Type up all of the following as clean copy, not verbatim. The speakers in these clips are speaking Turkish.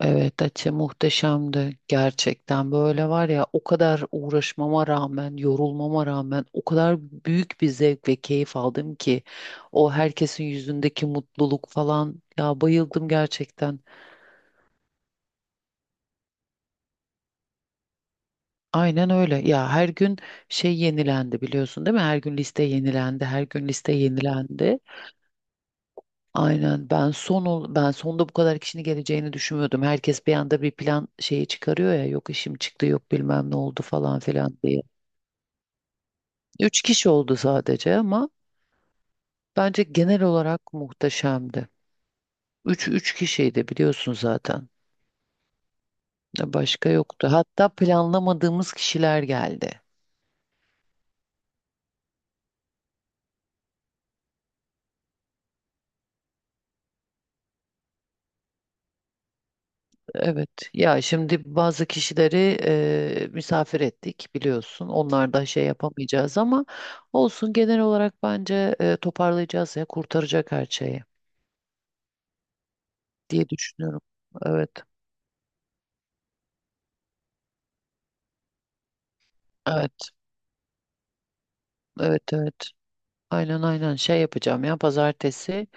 Evet, Ate muhteşemdi. Gerçekten böyle var ya, o kadar uğraşmama rağmen, yorulmama rağmen o kadar büyük bir zevk ve keyif aldım ki o herkesin yüzündeki mutluluk falan, ya bayıldım gerçekten. Aynen öyle. Ya her gün şey yenilendi, biliyorsun değil mi? Her gün liste yenilendi, her gün liste yenilendi. Aynen, ben sonda bu kadar kişinin geleceğini düşünmüyordum. Herkes bir anda bir plan şeyi çıkarıyor ya, yok işim çıktı, yok bilmem ne oldu falan filan diye. Üç kişi oldu sadece, ama bence genel olarak muhteşemdi. Üç kişiydi biliyorsun zaten. Başka yoktu. Hatta planlamadığımız kişiler geldi. Evet. Ya şimdi bazı kişileri misafir ettik biliyorsun. Onlar da şey yapamayacağız ama olsun, genel olarak bence toparlayacağız ya, kurtaracak her şeyi diye düşünüyorum. Evet. Evet. Evet. Evet. Aynen, aynen, şey yapacağım ya pazartesi.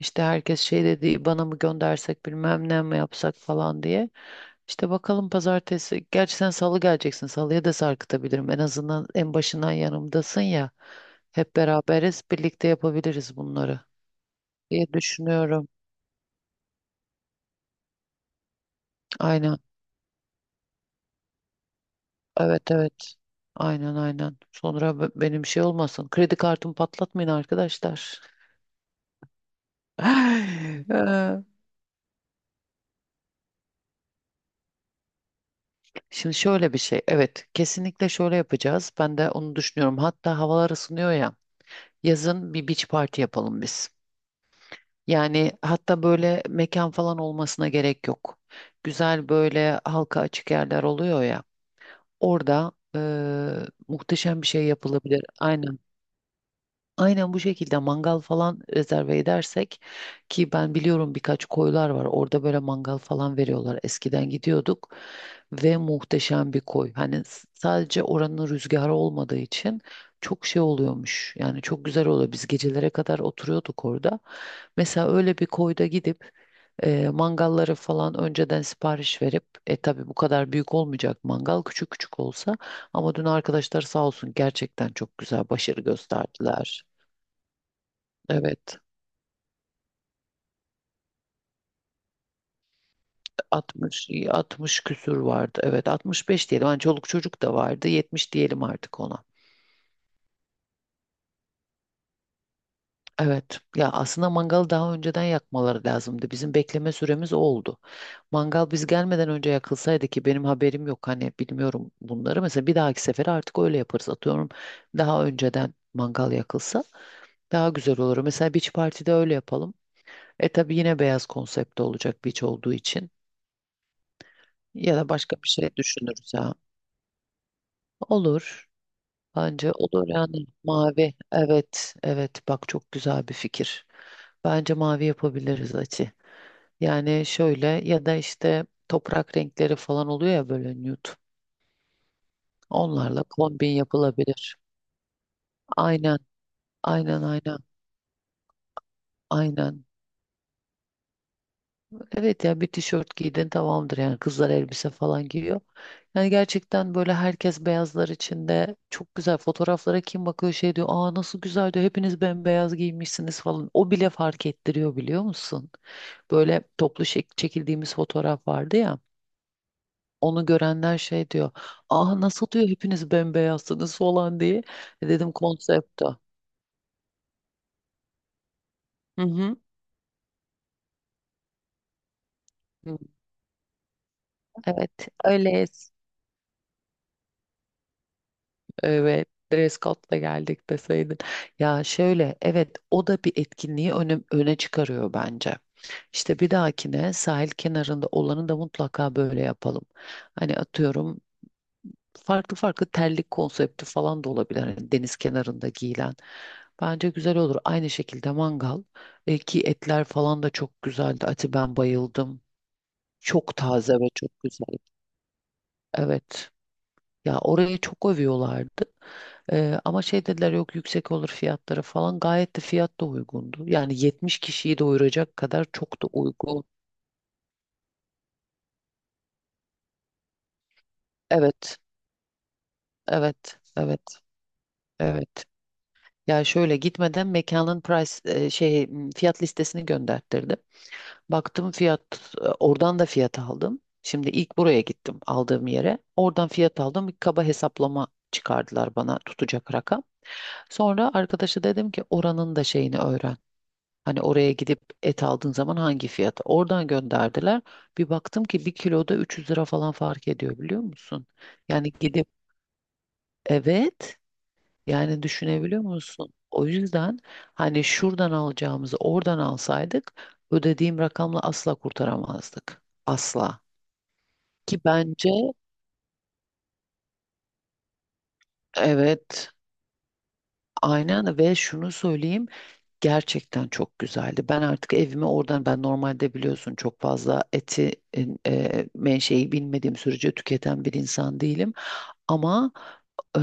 İşte herkes şey dedi, bana mı göndersek, bilmem ne mi yapsak falan diye. İşte bakalım pazartesi, gerçi sen salı geleceksin, salıya da sarkıtabilirim. En azından en başından yanımdasın ya, hep beraberiz, birlikte yapabiliriz bunları diye düşünüyorum. Aynen, evet, evet, aynen, aynen, sonra benim şey olmasın, kredi kartımı patlatmayın arkadaşlar. Ay, şimdi şöyle bir şey. Evet, kesinlikle şöyle yapacağız. Ben de onu düşünüyorum. Hatta havalar ısınıyor ya. Yazın bir beach party yapalım biz. Yani hatta böyle mekan falan olmasına gerek yok. Güzel böyle halka açık yerler oluyor ya. Orada muhteşem bir şey yapılabilir. Aynen. Aynen bu şekilde mangal falan rezerve edersek, ki ben biliyorum, birkaç koylar var orada böyle mangal falan veriyorlar, eskiden gidiyorduk ve muhteşem bir koy. Hani sadece oranın rüzgarı olmadığı için çok şey oluyormuş, yani çok güzel oluyor, biz gecelere kadar oturuyorduk orada. Mesela öyle bir koyda gidip mangalları falan önceden sipariş verip, tabii bu kadar büyük olmayacak, mangal küçük küçük olsa. Ama dün arkadaşlar sağ olsun, gerçekten çok güzel başarı gösterdiler. Evet, 60, 60 küsür vardı. Evet, 65 diyelim. Hani çoluk çocuk da vardı. 70 diyelim artık ona. Evet. Ya aslında mangalı daha önceden yakmaları lazımdı. Bizim bekleme süremiz o oldu. Mangal biz gelmeden önce yakılsaydı, ki benim haberim yok, hani bilmiyorum bunları. Mesela bir dahaki sefere artık öyle yaparız. Atıyorum, daha önceden mangal yakılsa daha güzel olur. Mesela beach party'de öyle yapalım. E tabii yine beyaz konsepte olacak, beach olduğu için. Ya da başka bir şey düşünürüz ya. Olur. Bence o da, yani mavi. Evet, evet. Bak çok güzel bir fikir. Bence mavi yapabiliriz açı. Yani şöyle, ya da işte toprak renkleri falan oluyor ya, böyle nude. Onlarla kombin yapılabilir. Aynen, aynen, aynen, aynen. Evet ya, bir tişört giydin tamamdır, yani kızlar elbise falan giyiyor. Yani gerçekten böyle herkes beyazlar içinde, çok güzel fotoğraflara kim bakıyor şey diyor, aa nasıl güzel diyor, hepiniz bembeyaz giymişsiniz falan. O bile fark ettiriyor, biliyor musun? Böyle toplu çekildiğimiz fotoğraf vardı ya, onu görenler şey diyor, aa nasıl diyor, hepiniz bembeyazsınız falan diye. E dedim, konsept. Hı hı. Hı. Evet, öyle. Evet, dress code'la geldik deseydin. Ya şöyle, evet, o da bir etkinliği öne çıkarıyor bence. İşte bir dahakine sahil kenarında olanı da mutlaka böyle yapalım. Hani atıyorum, farklı farklı terlik konsepti falan da olabilir, hani deniz kenarında giyilen. Bence güzel olur. Aynı şekilde mangal. Ki etler falan da çok güzeldi. Ati, ben bayıldım. Çok taze ve çok güzel. Evet. Ya orayı çok övüyorlardı. Ama şey dediler, yok yüksek olur fiyatları falan. Gayet de fiyat da uygundu. Yani 70 kişiyi doyuracak kadar, çok da uygun. Evet, evet, evet, evet. Ya şöyle, gitmeden mekanın price e, şey m, fiyat listesini gönderttirdim. Baktım fiyat, oradan da fiyat aldım. Şimdi ilk buraya gittim, aldığım yere. Oradan fiyat aldım. Bir kaba hesaplama çıkardılar bana, tutacak rakam. Sonra arkadaşa dedim ki oranın da şeyini öğren. Hani oraya gidip et aldığın zaman hangi fiyat? Oradan gönderdiler. Bir baktım ki bir kiloda 300 lira falan fark ediyor, biliyor musun? Yani gidip, evet, yani düşünebiliyor musun? O yüzden hani şuradan alacağımızı oradan alsaydık, ödediğim rakamla asla kurtaramazdık. Asla. Ki bence, evet, aynen, ve şunu söyleyeyim. Gerçekten çok güzeldi. Ben artık evime oradan Ben normalde biliyorsun, çok fazla eti menşei bilmediğim sürece tüketen bir insan değilim. Ama e,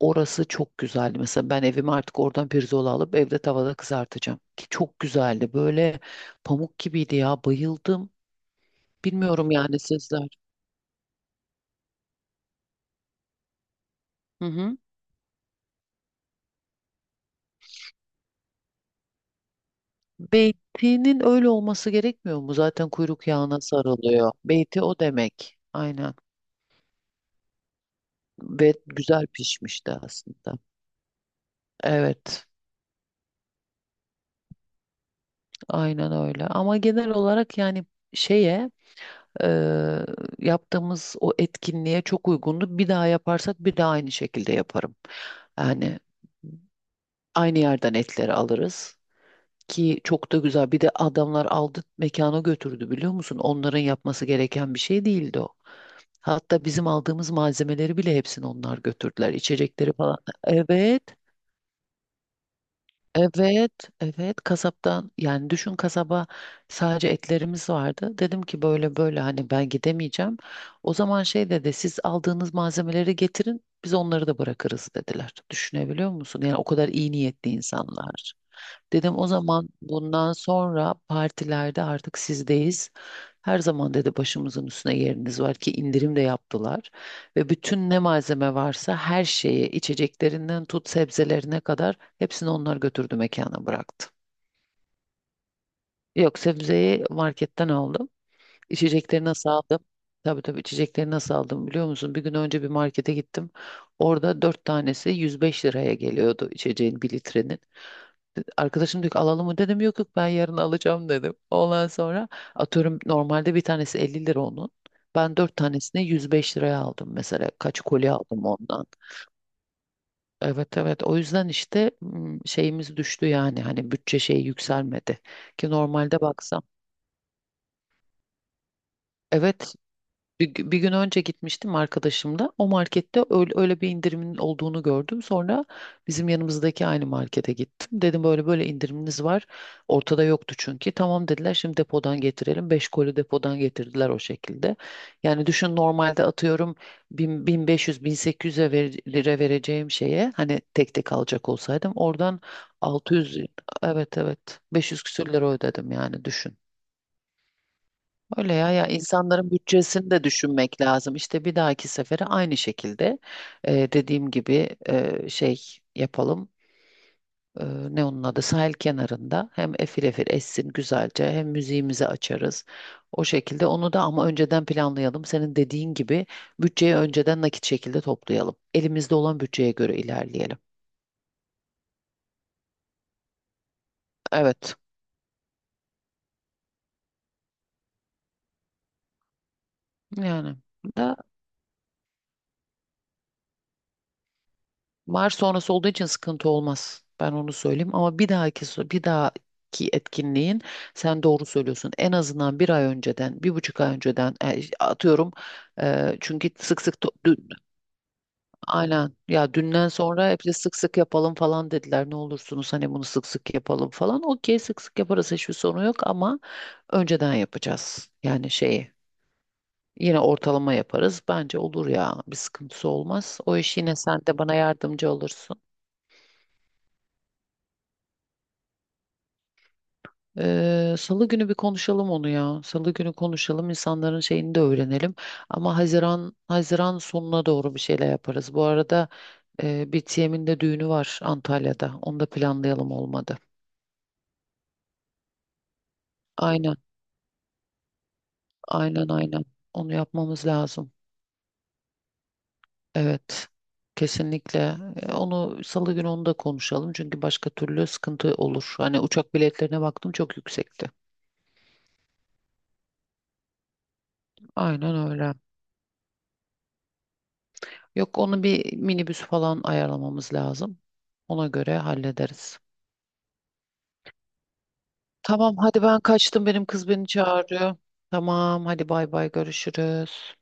orası çok güzeldi. Mesela ben evime artık oradan pirzola alıp evde tavada kızartacağım. Ki çok güzeldi. Böyle pamuk gibiydi ya. Bayıldım. Bilmiyorum yani, sizler. Hı hı. Beytinin öyle olması gerekmiyor mu? Zaten kuyruk yağına sarılıyor. Beyti o demek. Aynen. Ve güzel pişmişti aslında. Evet, aynen öyle. Ama genel olarak yani şeye e, yaptığımız o etkinliğe çok uygundu. Bir daha yaparsak bir daha aynı şekilde yaparım. Yani aynı yerden etleri alırız, ki çok da güzel. Bir de adamlar aldı, mekana götürdü, biliyor musun? Onların yapması gereken bir şey değildi o. Hatta bizim aldığımız malzemeleri bile hepsini onlar götürdüler, İçecekleri falan. Evet. Evet, evet, kasaptan, yani düşün kasaba sadece etlerimiz vardı. Dedim ki böyle böyle, hani ben gidemeyeceğim. O zaman şey dedi, siz aldığınız malzemeleri getirin, biz onları da bırakırız dediler. Düşünebiliyor musun? Yani o kadar iyi niyetli insanlar. Dedim o zaman bundan sonra partilerde artık sizdeyiz. Her zaman dedi, başımızın üstüne, yeriniz var, ki indirim de yaptılar. Ve bütün ne malzeme varsa her şeyi, içeceklerinden tut sebzelerine kadar hepsini onlar götürdü, mekana bıraktı. Yok, sebzeyi marketten aldım. İçecekleri nasıl aldım? Tabii tabii, içecekleri nasıl aldım biliyor musun? Bir gün önce bir markete gittim. Orada dört tanesi 105 liraya geliyordu, içeceğin bir litrenin. Arkadaşım diyor ki alalım mı, dedim yok yok, ben yarın alacağım dedim. Ondan sonra, atıyorum normalde bir tanesi 50 lira onun. Ben dört tanesini 105 liraya aldım mesela. Kaç kolye aldım ondan. Evet, evet, o yüzden işte, şeyimiz düştü, yani hani bütçe şeyi yükselmedi. Ki normalde baksam, evet. Bir gün önce gitmiştim arkadaşımla. O markette öyle bir indirimin olduğunu gördüm. Sonra bizim yanımızdaki aynı markete gittim. Dedim böyle böyle, indiriminiz var. Ortada yoktu çünkü. Tamam dediler, şimdi depodan getirelim. 5 koli depodan getirdiler, o şekilde. Yani düşün, normalde atıyorum 1500-1800'e lira vereceğim şeye, hani tek tek alacak olsaydım oradan, 600, evet, evet, 500 küsür lira ödedim, yani düşün. Öyle ya, ya insanların bütçesini de düşünmek lazım. İşte bir dahaki sefere aynı şekilde, dediğim gibi, şey yapalım. E, ne onun adı? Sahil kenarında hem efil efil essin güzelce, hem müziğimizi açarız. O şekilde onu da, ama önceden planlayalım. Senin dediğin gibi bütçeyi önceden nakit şekilde toplayalım. Elimizde olan bütçeye göre ilerleyelim. Evet. Yani. Var sonrası olduğu için sıkıntı olmaz. Ben onu söyleyeyim, ama bir dahaki bir dahaki etkinliğin, sen doğru söylüyorsun. En azından bir ay önceden, bir buçuk ay önceden, atıyorum. Çünkü sık sık dün, aynen, ya dünden sonra hep de sık sık yapalım falan dediler. Ne olursunuz hani, bunu sık sık yapalım falan. Okey, sık sık yaparız, hiçbir sorun yok ama önceden yapacağız. Yani şeyi, yine ortalama yaparız. Bence olur ya, bir sıkıntısı olmaz. O iş yine, sen de bana yardımcı olursun. Salı günü bir konuşalım onu ya. Salı günü konuşalım, insanların şeyini de öğrenelim. Ama Haziran sonuna doğru bir şeyler yaparız. Bu arada bir TM'in de düğünü var Antalya'da. Onu da planlayalım, olmadı. Aynen, aynen, aynen. Onu yapmamız lazım. Evet, kesinlikle. Onu Salı günü, onu da konuşalım, çünkü başka türlü sıkıntı olur. Hani uçak biletlerine baktım, çok yüksekti. Aynen öyle. Yok, onu bir minibüs falan ayarlamamız lazım. Ona göre hallederiz. Tamam hadi, ben kaçtım, benim kız beni çağırıyor. Tamam hadi, bay bay, görüşürüz.